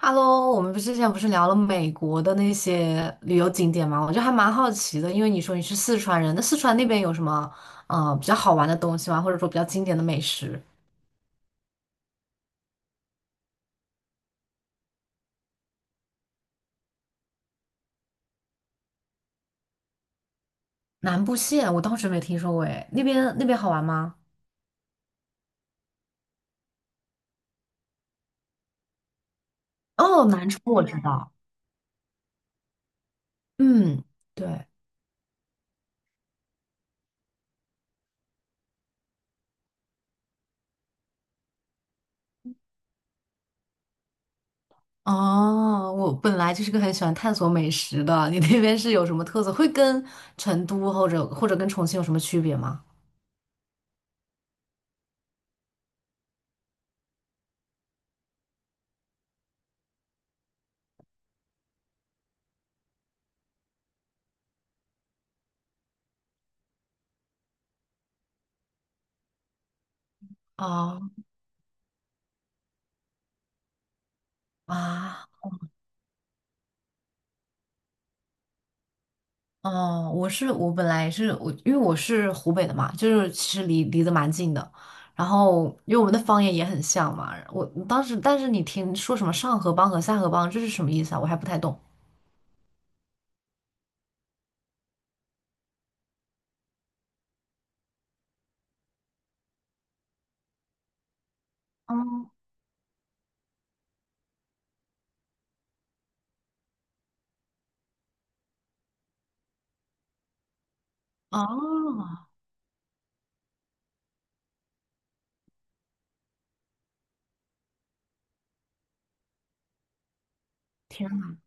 Hello,我们不是之前不是聊了美国的那些旅游景点吗？我就还蛮好奇的，因为你说你是四川人，那四川那边有什么比较好玩的东西吗？或者说比较经典的美食？南部县我倒是没听说过，诶，那边好玩吗？哦，南充我知道，嗯，对，哦，我本来就是个很喜欢探索美食的，你那边是有什么特色？会跟成都或者或者跟重庆有什么区别吗？哦啊。哦，我本来，因为我是湖北的嘛，就是其实离得蛮近的。然后因为我们的方言也很像嘛，我当时但是你听说什么上河帮和下河帮，这是什么意思啊？我还不太懂。哦，哦，天呐，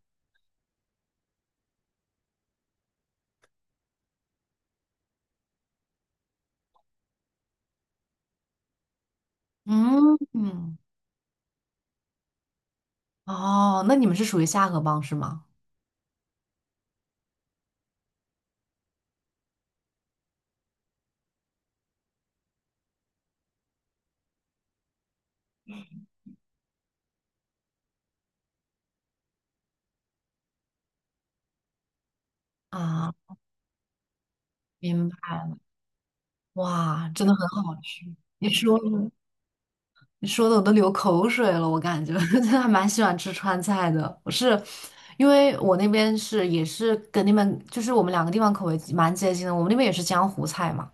嗯嗯，哦，那你们是属于下河帮是吗？啊，明白了，哇，真的很好吃。你说呢你说的我都流口水了，我感觉 真的还蛮喜欢吃川菜的。我是因为我那边是也是跟你们就是我们两个地方口味蛮接近的，我们那边也是江湖菜嘛，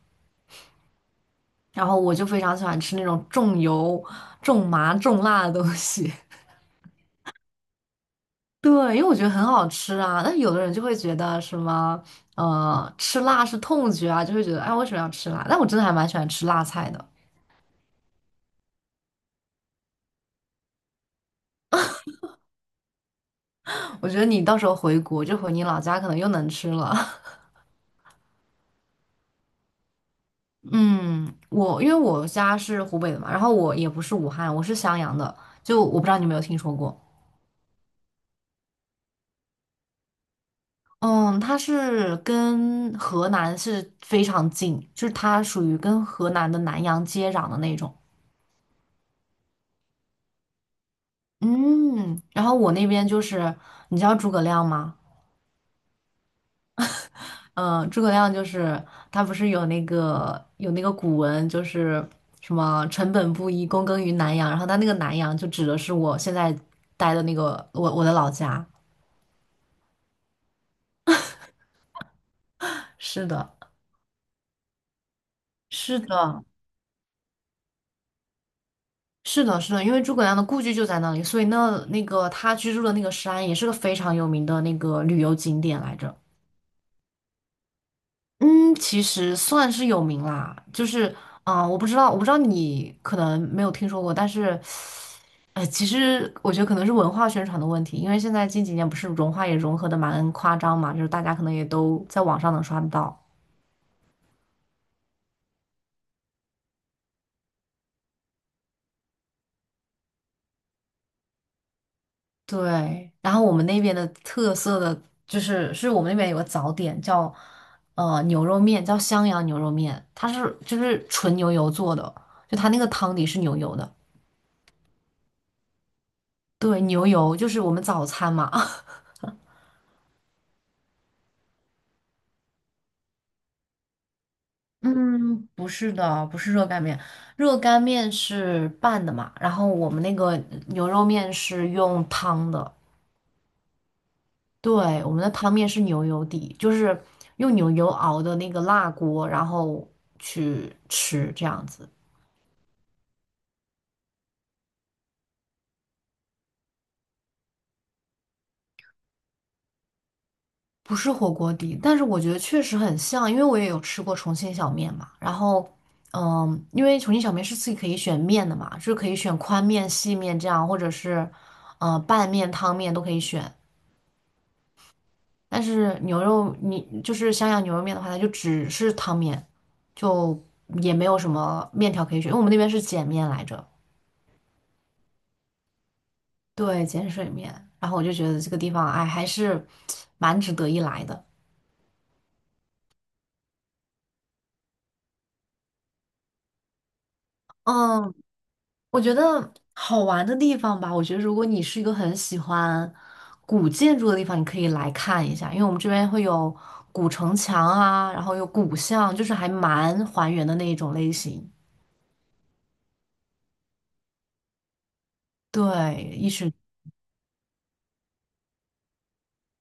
然后我就非常喜欢吃那种重油、重麻、重辣的东西。对，因为我觉得很好吃啊。但有的人就会觉得什么吃辣是痛觉啊，就会觉得哎为什么要吃辣？但我真的还蛮喜欢吃辣菜的。我觉得你到时候回国就回你老家，可能又能吃了。嗯，我因为我家是湖北的嘛，然后我也不是武汉，我是襄阳的，就我不知道你有没有听说过。嗯，它是跟河南是非常近，就是它属于跟河南的南阳接壤的那种。嗯，然后我那边就是，你知道诸葛亮吗？嗯，诸葛亮就是他不是有那个古文，就是什么"臣本布衣，躬耕于南阳"，然后他那个南阳就指的是我现在待的那个我的老家。是的。是的，是的，是的，因为诸葛亮的故居就在那里，所以那个他居住的那个山也是个非常有名的那个旅游景点来着。嗯，其实算是有名啦，就是啊、我不知道，我不知道你可能没有听说过，但是其实我觉得可能是文化宣传的问题，因为现在近几年不是文化也融合的蛮夸张嘛，就是大家可能也都在网上能刷得到。对，然后我们那边的特色的就是，是我们那边有个早点叫牛肉面，叫襄阳牛肉面，它是就是纯牛油做的，就它那个汤底是牛油的。对，牛油就是我们早餐嘛。嗯，不是的，不是热干面，热干面是拌的嘛，然后我们那个牛肉面是用汤的，对，我们的汤面是牛油底，就是用牛油熬的那个辣锅，然后去吃这样子。不是火锅底，但是我觉得确实很像，因为我也有吃过重庆小面嘛。然后，嗯，因为重庆小面是自己可以选面的嘛，就是可以选宽面、细面这样，或者是拌面、汤面都可以选。但是牛肉，你就是襄阳牛肉面的话，它就只是汤面，就也没有什么面条可以选，因为我们那边是碱面来着，对，碱水面。然后我就觉得这个地方，哎，还是蛮值得一来的。嗯，我觉得好玩的地方吧，我觉得如果你是一个很喜欢古建筑的地方，你可以来看一下，因为我们这边会有古城墙啊，然后有古巷，就是还蛮还原的那一种类型。对，一是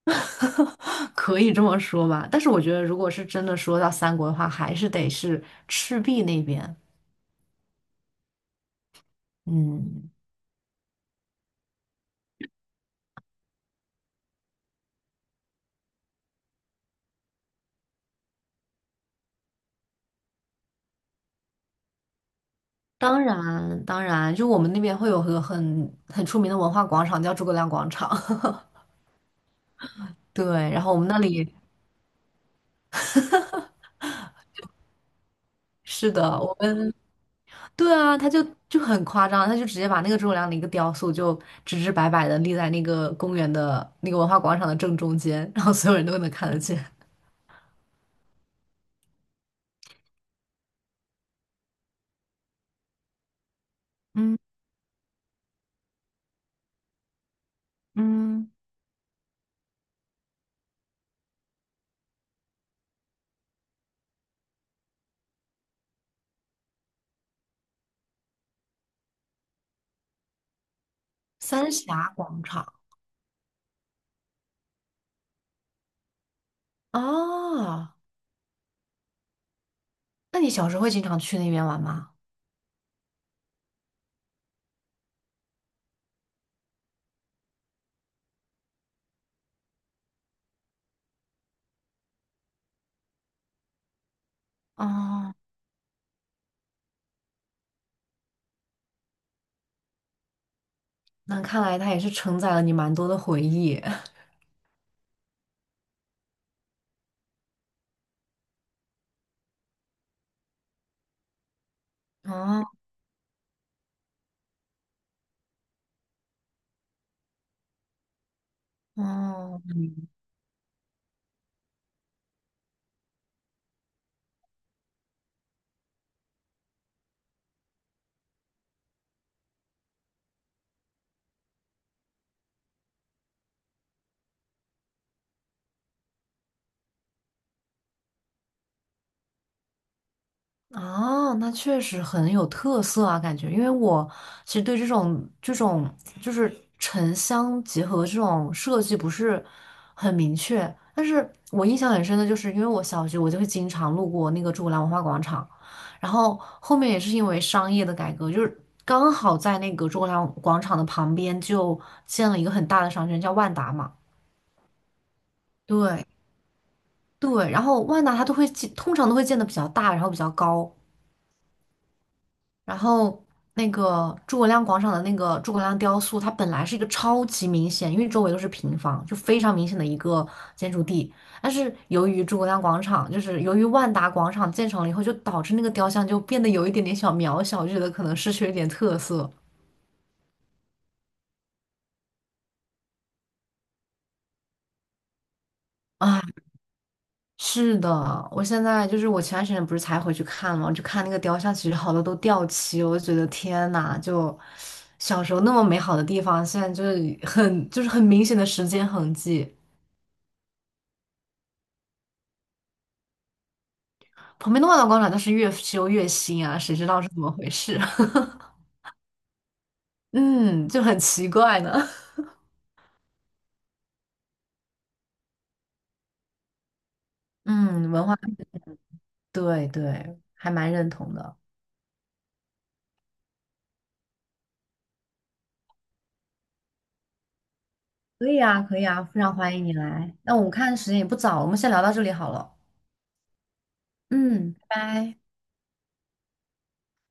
可以这么说吧，但是我觉得如果是真的说到三国的话，还是得是赤壁那边。嗯，当然，当然，就我们那边会有个很出名的文化广场，叫诸葛亮广场。对，然后我们那里。是的，我们对啊，他就就很夸张，他就直接把那个诸葛亮的一个雕塑就直直白白的立在那个公园的那个文化广场的正中间，然后所有人都能看得见。嗯嗯，三峡广场哦，那你小时候会经常去那边玩吗？哦那看来它也是承载了你蛮多的回忆。哦哦，啊，那确实很有特色啊，感觉，因为我其实对这种就是城乡结合这种设计不是很明确，但是我印象很深的就是，因为我小学我就会经常路过那个诸葛亮文化广场，然后后面也是因为商业的改革，就是刚好在那个诸葛亮广场的旁边就建了一个很大的商圈，叫万达嘛，对对，然后万达它都会建，通常都会建的比较大，然后比较高。然后那个诸葛亮广场的那个诸葛亮雕塑，它本来是一个超级明显，因为周围都是平房，就非常明显的一个建筑地。但是由于诸葛亮广场，就是由于万达广场建成了以后，就导致那个雕像就变得有一点点小渺小，就觉得可能失去了一点特色。啊，是的，我现在就是我前段时间不是才回去看嘛，就看那个雕像，其实好多都掉漆，我就觉得天呐，就小时候那么美好的地方，现在就是很就是很明显的时间痕迹。旁边的万达广场倒是越修越新啊，谁知道是怎么回事？嗯，就很奇怪呢。嗯，文化，对对，还蛮认同的。可以啊，可以啊，非常欢迎你来。那我们看时间也不早了，我们先聊到这里好了。嗯，拜拜。